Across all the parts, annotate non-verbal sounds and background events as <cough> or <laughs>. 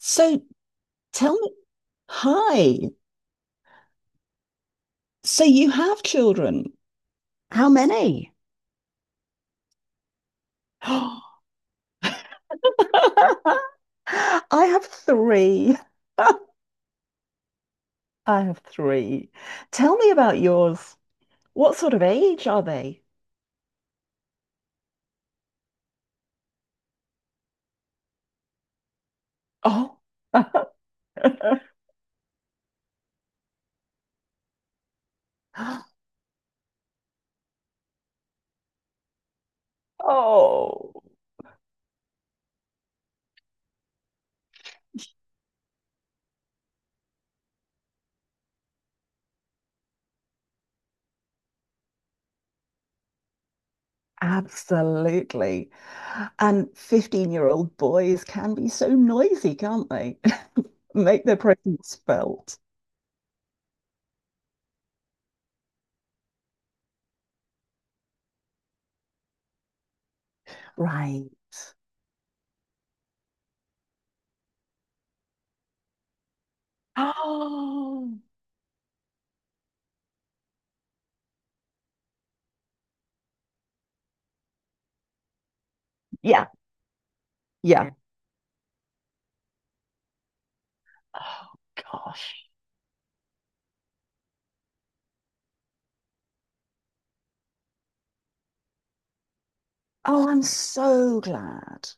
So tell me, hi. So you have children? How many? <gasps> <laughs> I have three. <laughs> I have three. Tell me about yours. What sort of age are they? Oh. <laughs> Oh, absolutely. And 15-year-old boys can be so noisy, can't they? <laughs> Make their presence felt. Right. <gasps> Oh. Yeah, yeah. Oh, gosh. Oh, I'm so glad.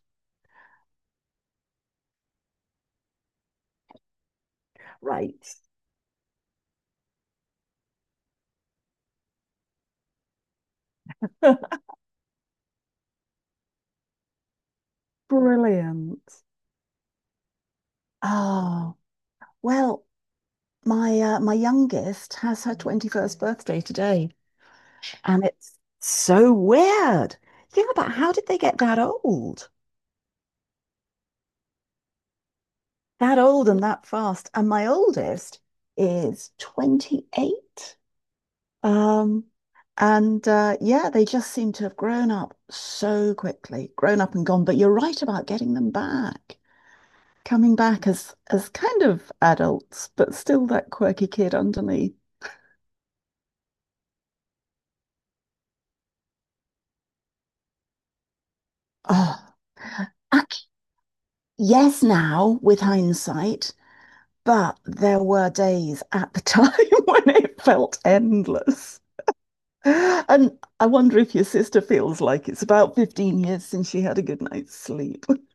Right. <laughs> Brilliant. Oh, well, my my youngest has her 21st birthday today, and it's so weird. Think about how did they get that old? That old and that fast. And my oldest is 28. Um, and Yeah, they just seem to have grown up so quickly, grown up and gone. But you're right about getting them back, coming back as kind of adults, but still that quirky kid underneath. Oh, ac- yes, now with hindsight, but there were days at the time <laughs> when it felt endless. And I wonder if your sister feels like it's about 15 years since she had a good night's sleep. <laughs>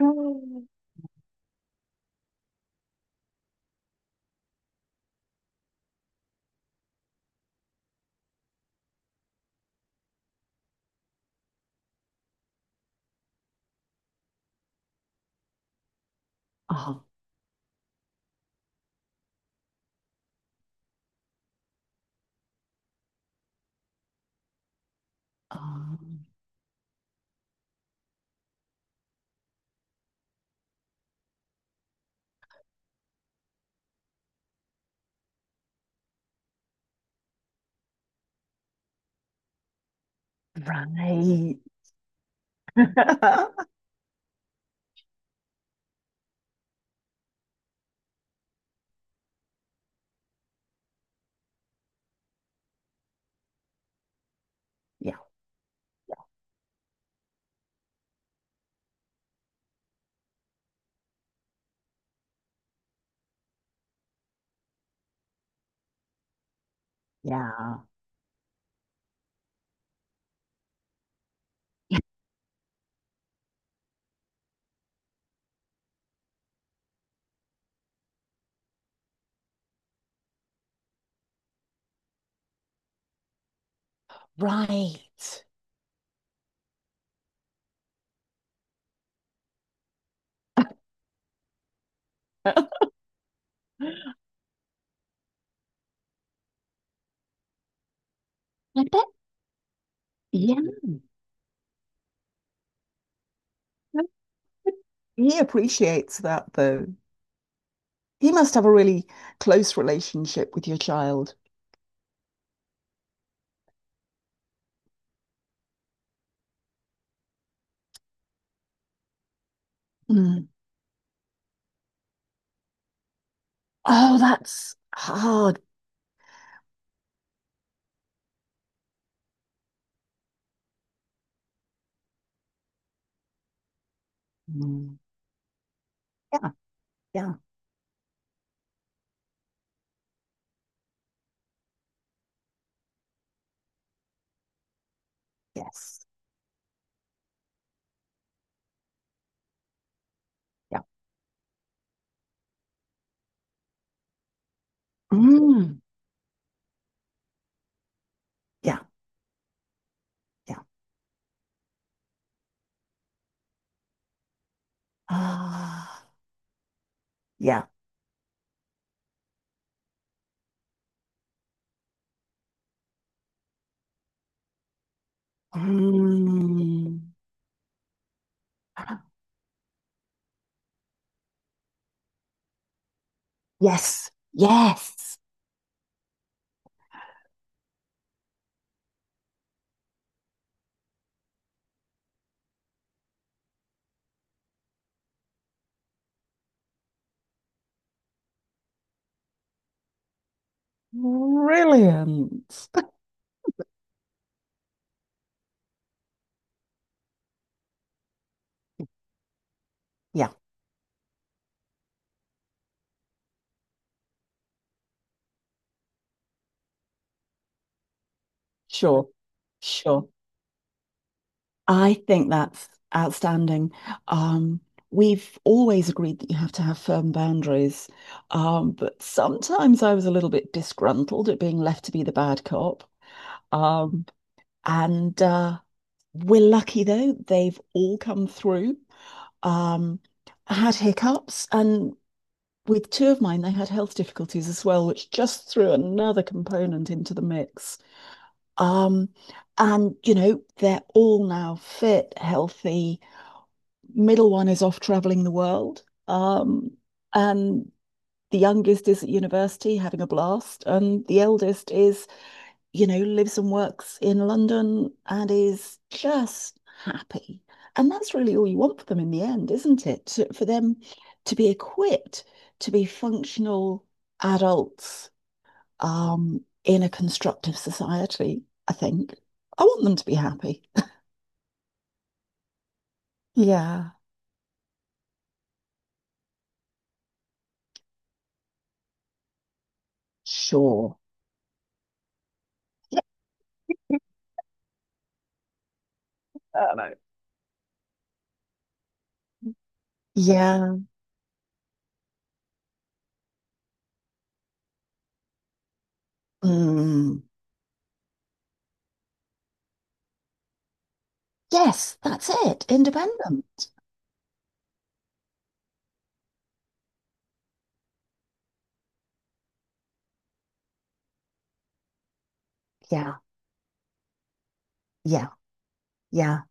Oh, oh. Right. <laughs> Yeah. Yeah. Yeah. Right. <laughs> I bet. Yeah. He appreciates that, though. He must have a really close relationship with your child. Mm. Oh, that's hard. Mm. Yeah. Yeah. Yes. Yeah. Mm. Yeah. Yeah. Ah. Yeah. Mm. <gasps> Yes. Yes. Brilliant. <laughs> Yeah. Sure. Sure. I think that's outstanding. Um, we've always agreed that you have to have firm boundaries, but sometimes I was a little bit disgruntled at being left to be the bad cop. Um, and We're lucky though, they've all come through. Um, I had hiccups, and with two of mine, they had health difficulties as well, which just threw another component into the mix. Um, and, you know, they're all now fit, healthy. Middle one is off traveling the world. Um, and the youngest is at university having a blast. And the eldest, is, you know, lives and works in London and is just happy. And that's really all you want for them in the end, isn't it? For them to be equipped to be functional adults in a constructive society, I think. I want them to be happy. Yeah, sure. <laughs> I don't know. Yeah. Mm, yes, that's it. Independent. Yeah, yeah, yeah.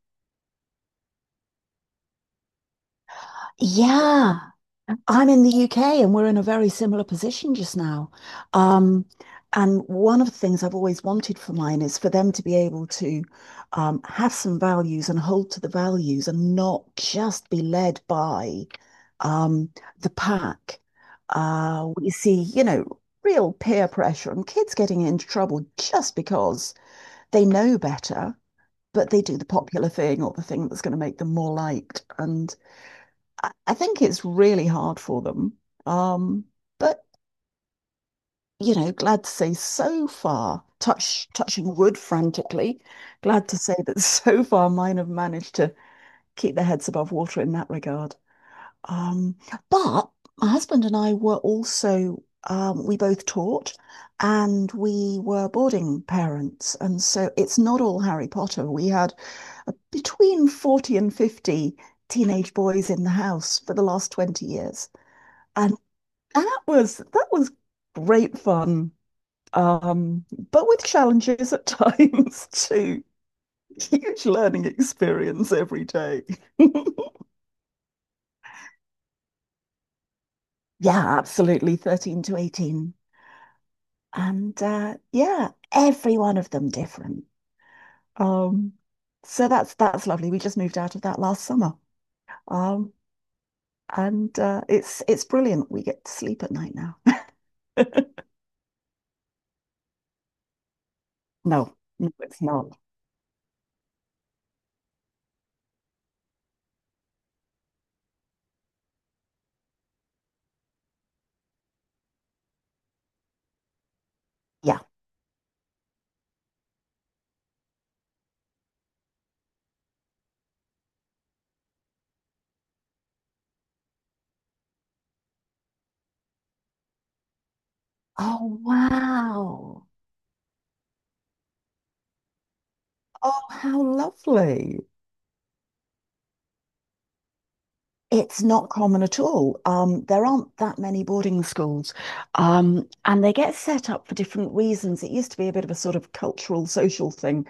Yeah. I'm in the UK and we're in a very similar position just now. Um, and one of the things I've always wanted for mine is for them to be able to have some values and hold to the values and not just be led by um, the pack. We see, you know, real peer pressure and kids getting into trouble just because they know better but they do the popular thing or the thing that's going to make them more liked. And I think it's really hard for them. Um, but you know, glad to say so far, touching wood frantically, glad to say that <laughs> so far mine have managed to keep their heads above water in that regard. Um, but my husband and I were also, we both taught and we were boarding parents. And so it's not all Harry Potter. We had between 40 and 50 teenage boys in the house for the last 20 years. And that was great fun. Um, but with challenges at <laughs> times too. Huge learning experience every day. <laughs> Yeah, absolutely. 13 to 18. And yeah, every one of them different. Um, so that's lovely. We just moved out of that last summer. Um, and It's brilliant. We get to sleep at night now. <laughs> No, no, it's not. Yeah. Oh, wow. Oh, how lovely. It's not common at all. There aren't that many boarding schools, and they get set up for different reasons. It used to be a bit of a sort of cultural, social thing,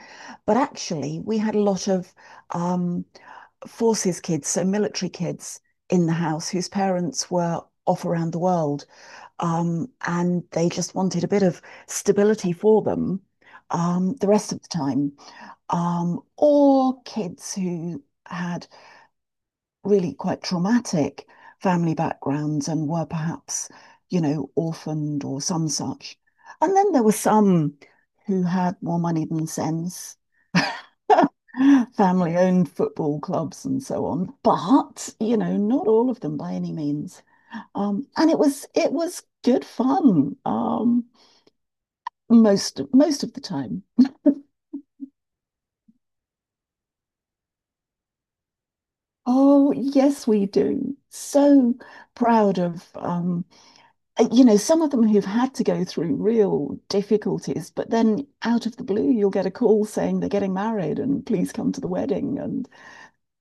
but actually, we had a lot of um, forces kids, so military kids in the house whose parents were off around the world, and they just wanted a bit of stability for them the rest of the time. Or kids who had really quite traumatic family backgrounds and were perhaps, you know, orphaned or some such. And then there were some who had more money than sense, <laughs> family owned football clubs and so on. But, you know, not all of them by any means. And it was good fun most of the time. Oh, yes, we do. So proud of, you know, some of them who've had to go through real difficulties, but then out of the blue, you'll get a call saying they're getting married and please come to the wedding and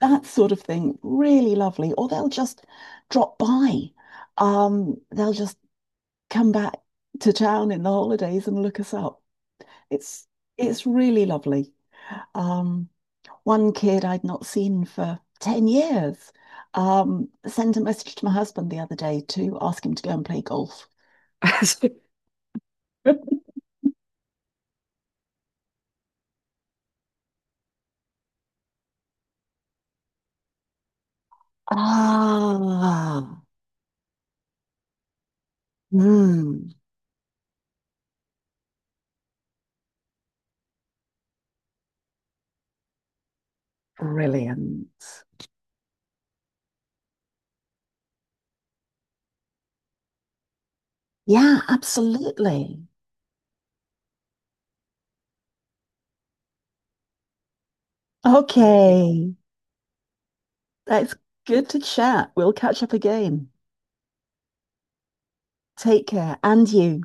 that sort of thing. Really lovely. Or they'll just drop by. They'll just come back to town in the holidays and look us up. It's it's really lovely. Um, one kid I'd not seen for 10 years sent a message to my husband the other day to ask him to go and play golf. <laughs> So ah, mm, brilliant. Yeah, absolutely. Okay, that's good to chat. We'll catch up again. Take care, and you.